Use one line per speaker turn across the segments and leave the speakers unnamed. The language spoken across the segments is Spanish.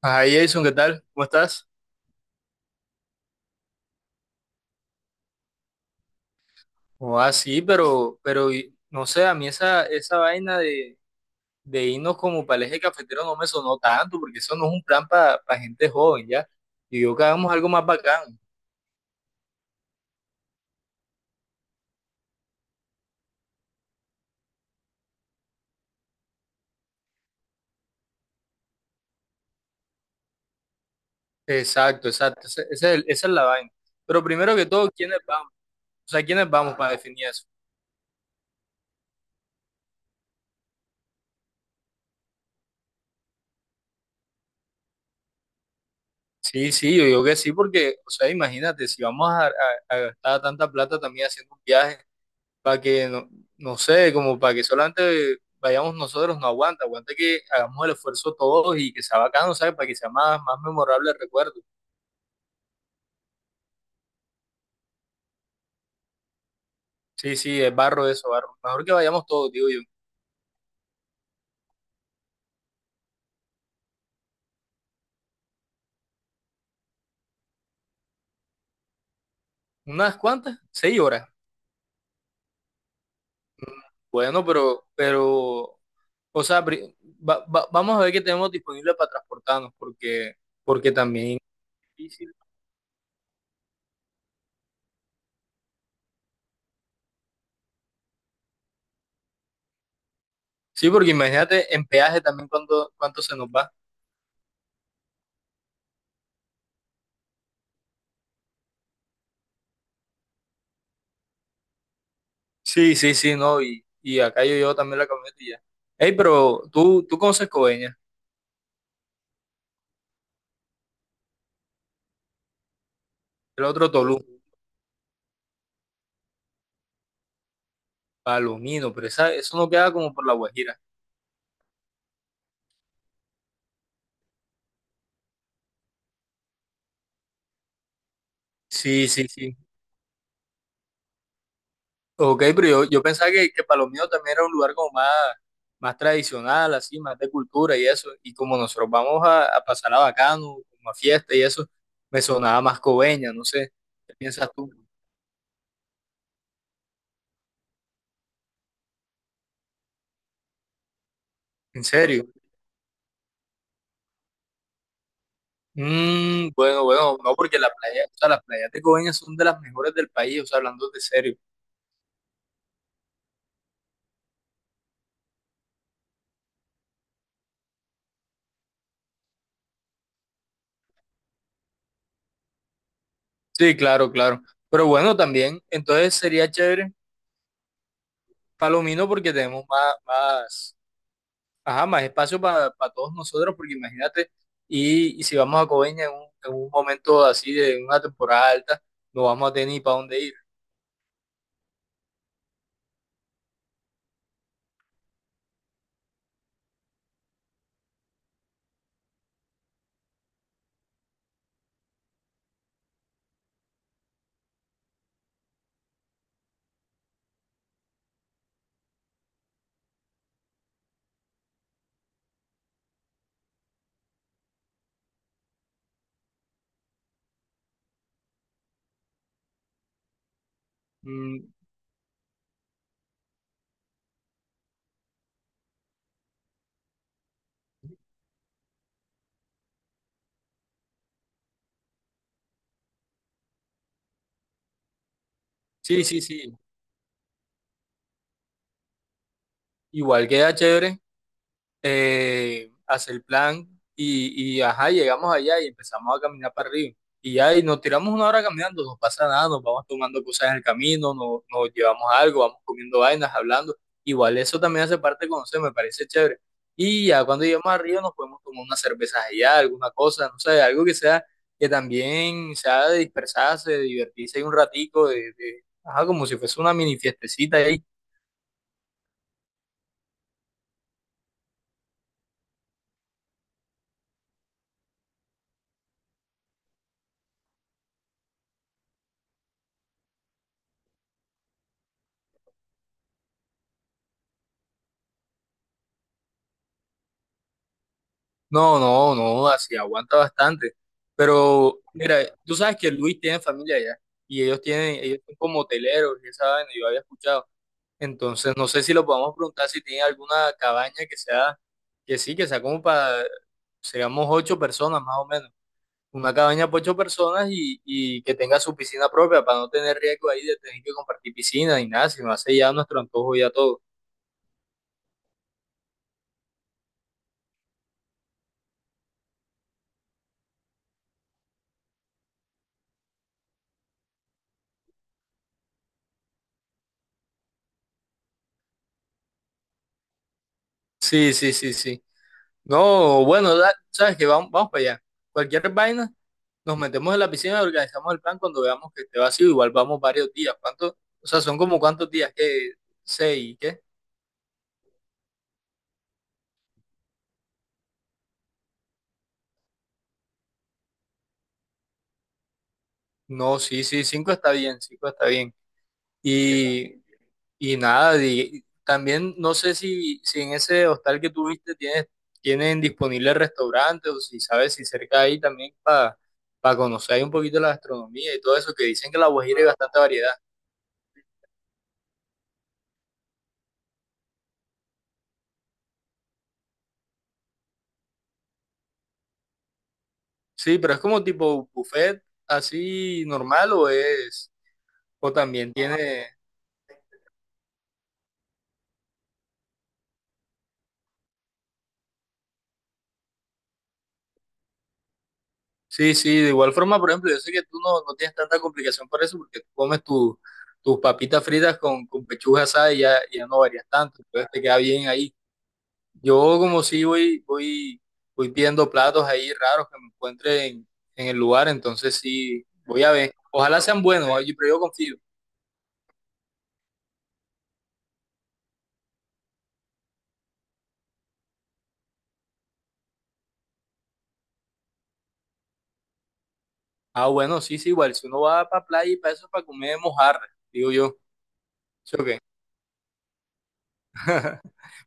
Ah, Jason, ¿qué tal? ¿Cómo estás? O sí, pero, no sé, a mí esa vaina de irnos como para el eje cafetero no me sonó tanto, porque eso no es un plan para gente joven, ¿ya? Y yo que hagamos algo más bacán. Exacto, exacto, ese es esa es la vaina. Pero primero que todo, ¿quiénes vamos? O sea, ¿quiénes vamos para definir eso? Sí, sí, yo digo que sí, porque, o sea, imagínate, si vamos a gastar tanta plata también haciendo un viaje, para que, no, no sé, como para que solamente vayamos nosotros, no aguanta, aguanta que hagamos el esfuerzo todos y que sea bacano, ¿sabes? Para que sea más, más memorable el recuerdo. Sí, sí, es barro eso, barro. Mejor que vayamos todos, digo yo. ¿Unas cuantas? Seis horas. Mm, Bueno, pero, o sea, vamos a ver qué tenemos disponible para transportarnos, porque, porque también es difícil. Sí, porque imagínate en peaje también cuánto, cuánto se nos va. Sí, sí, sí, no, y acá yo llevo también la camioneta y ya. Ey, pero tú conoces Coveñas, el otro Tolú, Palomino, pero esa, eso no queda como por La Guajira. Sí, sí, sí. Ok, pero yo pensaba que Palomino también era un lugar como más, más tradicional, así, más de cultura y eso. Y como nosotros vamos a pasar a Bacano, como a fiesta y eso, me sonaba más Coveñas, no sé. ¿Qué piensas tú? ¿En serio? Bueno, bueno, no, porque la playa, o sea, las playas de Coveñas son de las mejores del país, o sea, hablando de serio. Sí, claro, claro. Pero bueno, también, entonces sería chévere Palomino porque tenemos más, más, ajá, más espacio para todos nosotros, porque imagínate, y si vamos a Coveña en en un momento así de una temporada alta, no vamos a tener ni para dónde ir. Mm, sí, sí, sí. Igual queda chévere. Hacer el plan y, ajá, llegamos allá y empezamos a caminar para arriba. Y ya, y nos tiramos una hora caminando, no pasa nada, nos vamos tomando cosas en el camino, nos, nos llevamos algo, vamos comiendo vainas, hablando. Igual eso también hace parte de conocer, me parece chévere. Y ya cuando lleguemos arriba nos podemos tomar unas cervezas allá, alguna cosa, no sé, algo que sea, que también sea de dispersarse, de divertirse ahí un ratico, ajá, como si fuese una mini fiestecita ahí. No, no, no, así aguanta bastante. Pero, mira, tú sabes que Luis tiene familia allá y ellos tienen, ellos son como hoteleros y esa vaina, yo había escuchado. Entonces, no sé si lo podemos preguntar si tiene alguna cabaña que sea, que sí, que sea como para, seamos ocho personas más o menos. Una cabaña para ocho personas y que tenga su piscina propia para no tener riesgo ahí de tener que compartir piscina ni nada, sino hace ya nuestro antojo ya todo. Sí, sí, sí, sí. No, bueno, sabes que vamos, vamos para allá. Cualquier vaina. Nos metemos en la piscina y organizamos el plan cuando veamos que esté vacío. Igual vamos varios días. ¿Cuánto? O sea, son como cuántos días, ¿qué? ¿Seis? ¿Qué? No, sí, sí, cinco está bien, cinco está bien. Y, y nada, también no sé si, si en ese hostal que tuviste tienen disponible restaurante o si sabes si cerca ahí también para conocer ahí un poquito la gastronomía y todo eso, que dicen que en La Guajira hay bastante variedad. Sí, pero es como tipo buffet así normal o es, o también tiene. Sí, sí, de igual forma, por ejemplo, yo sé que tú no, no tienes tanta complicación por eso, porque tú comes tus papitas fritas con pechuga asada y ya, ya no varías tanto, entonces te queda bien ahí. Yo como sí voy, voy, voy pidiendo platos ahí raros que me encuentre en el lugar, entonces sí, voy a ver. Ojalá sean buenos, oye, pero yo confío. Ah, bueno, sí, sí, igual, si uno va para playa y para eso es para comer mojarra, digo yo. ¿Sí o qué?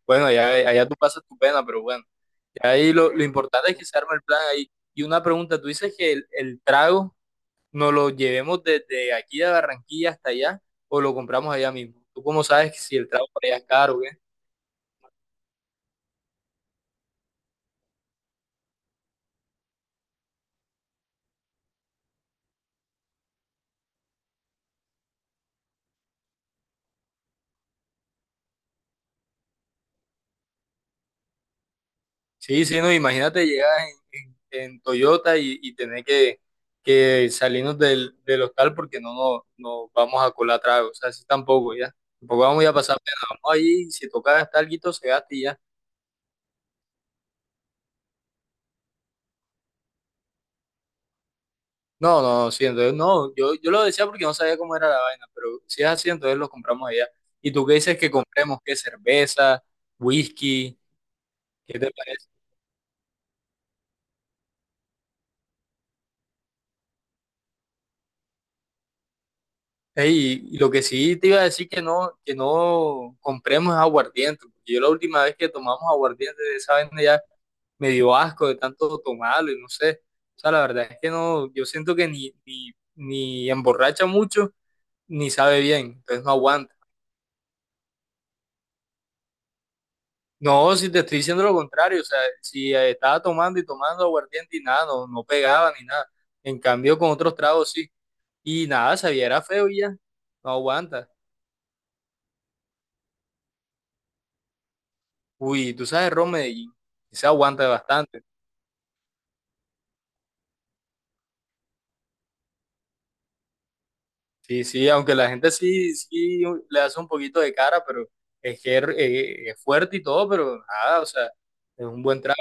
Bueno, allá, allá tú pasas tu pena, pero bueno. Y ahí lo importante es que se arme el plan ahí. Y una pregunta, ¿tú dices que el trago nos lo llevemos desde aquí de Barranquilla hasta allá o lo compramos allá mismo? ¿Tú cómo sabes que si el trago por allá es caro o qué? Sí, sí, no, imagínate llegar en, en- en Toyota y tener que salirnos del, del hostal porque no nos no vamos a colar trago. O sea, así tampoco, ya. Tampoco vamos a ir a pasar pena. Vamos ahí, si toca gastar algo, se gasta y ya. No, no, sí, entonces no, yo lo decía porque no sabía cómo era la vaina, pero si es así, entonces lo compramos allá. ¿Y tú qué dices que compremos? ¿Qué cerveza? ¿Whisky? ¿Qué te parece? Ey, y lo que sí te iba a decir que no compremos es aguardiente, porque yo la última vez que tomamos aguardiente de esa vaina ya me dio asco de tanto tomarlo y no sé. O sea, la verdad es que no, yo siento que ni, ni, ni emborracha mucho, ni sabe bien, entonces no aguanta. No, si te estoy diciendo lo contrario, o sea, si estaba tomando y tomando aguardiente y nada, no, no pegaba ni nada. En cambio, con otros tragos sí. Y nada, sabía, era feo y ya, no aguanta. Uy, tú sabes, Ron Medellín, sí se aguanta bastante. Sí, sí, aunque la gente sí, sí le hace un poquito de cara, pero es que es fuerte y todo, pero nada, o sea, es un buen trago.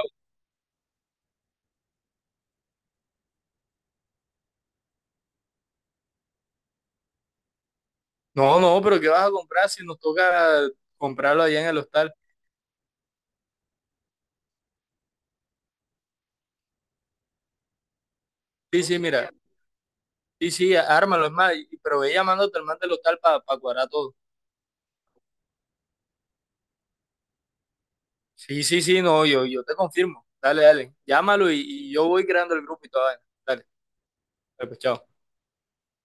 No, no, pero ¿qué vas a comprar si nos toca comprarlo allá en el hostal? Sí, sí, mira. Sí, sí, ármalo, es más, pero ve llamándote al man del local para cuadrar todo. Sí, sí, sí, no, yo te confirmo. Dale, dale. Llámalo y yo voy creando el grupo y toda vaina. Dale, dale, pues, chao.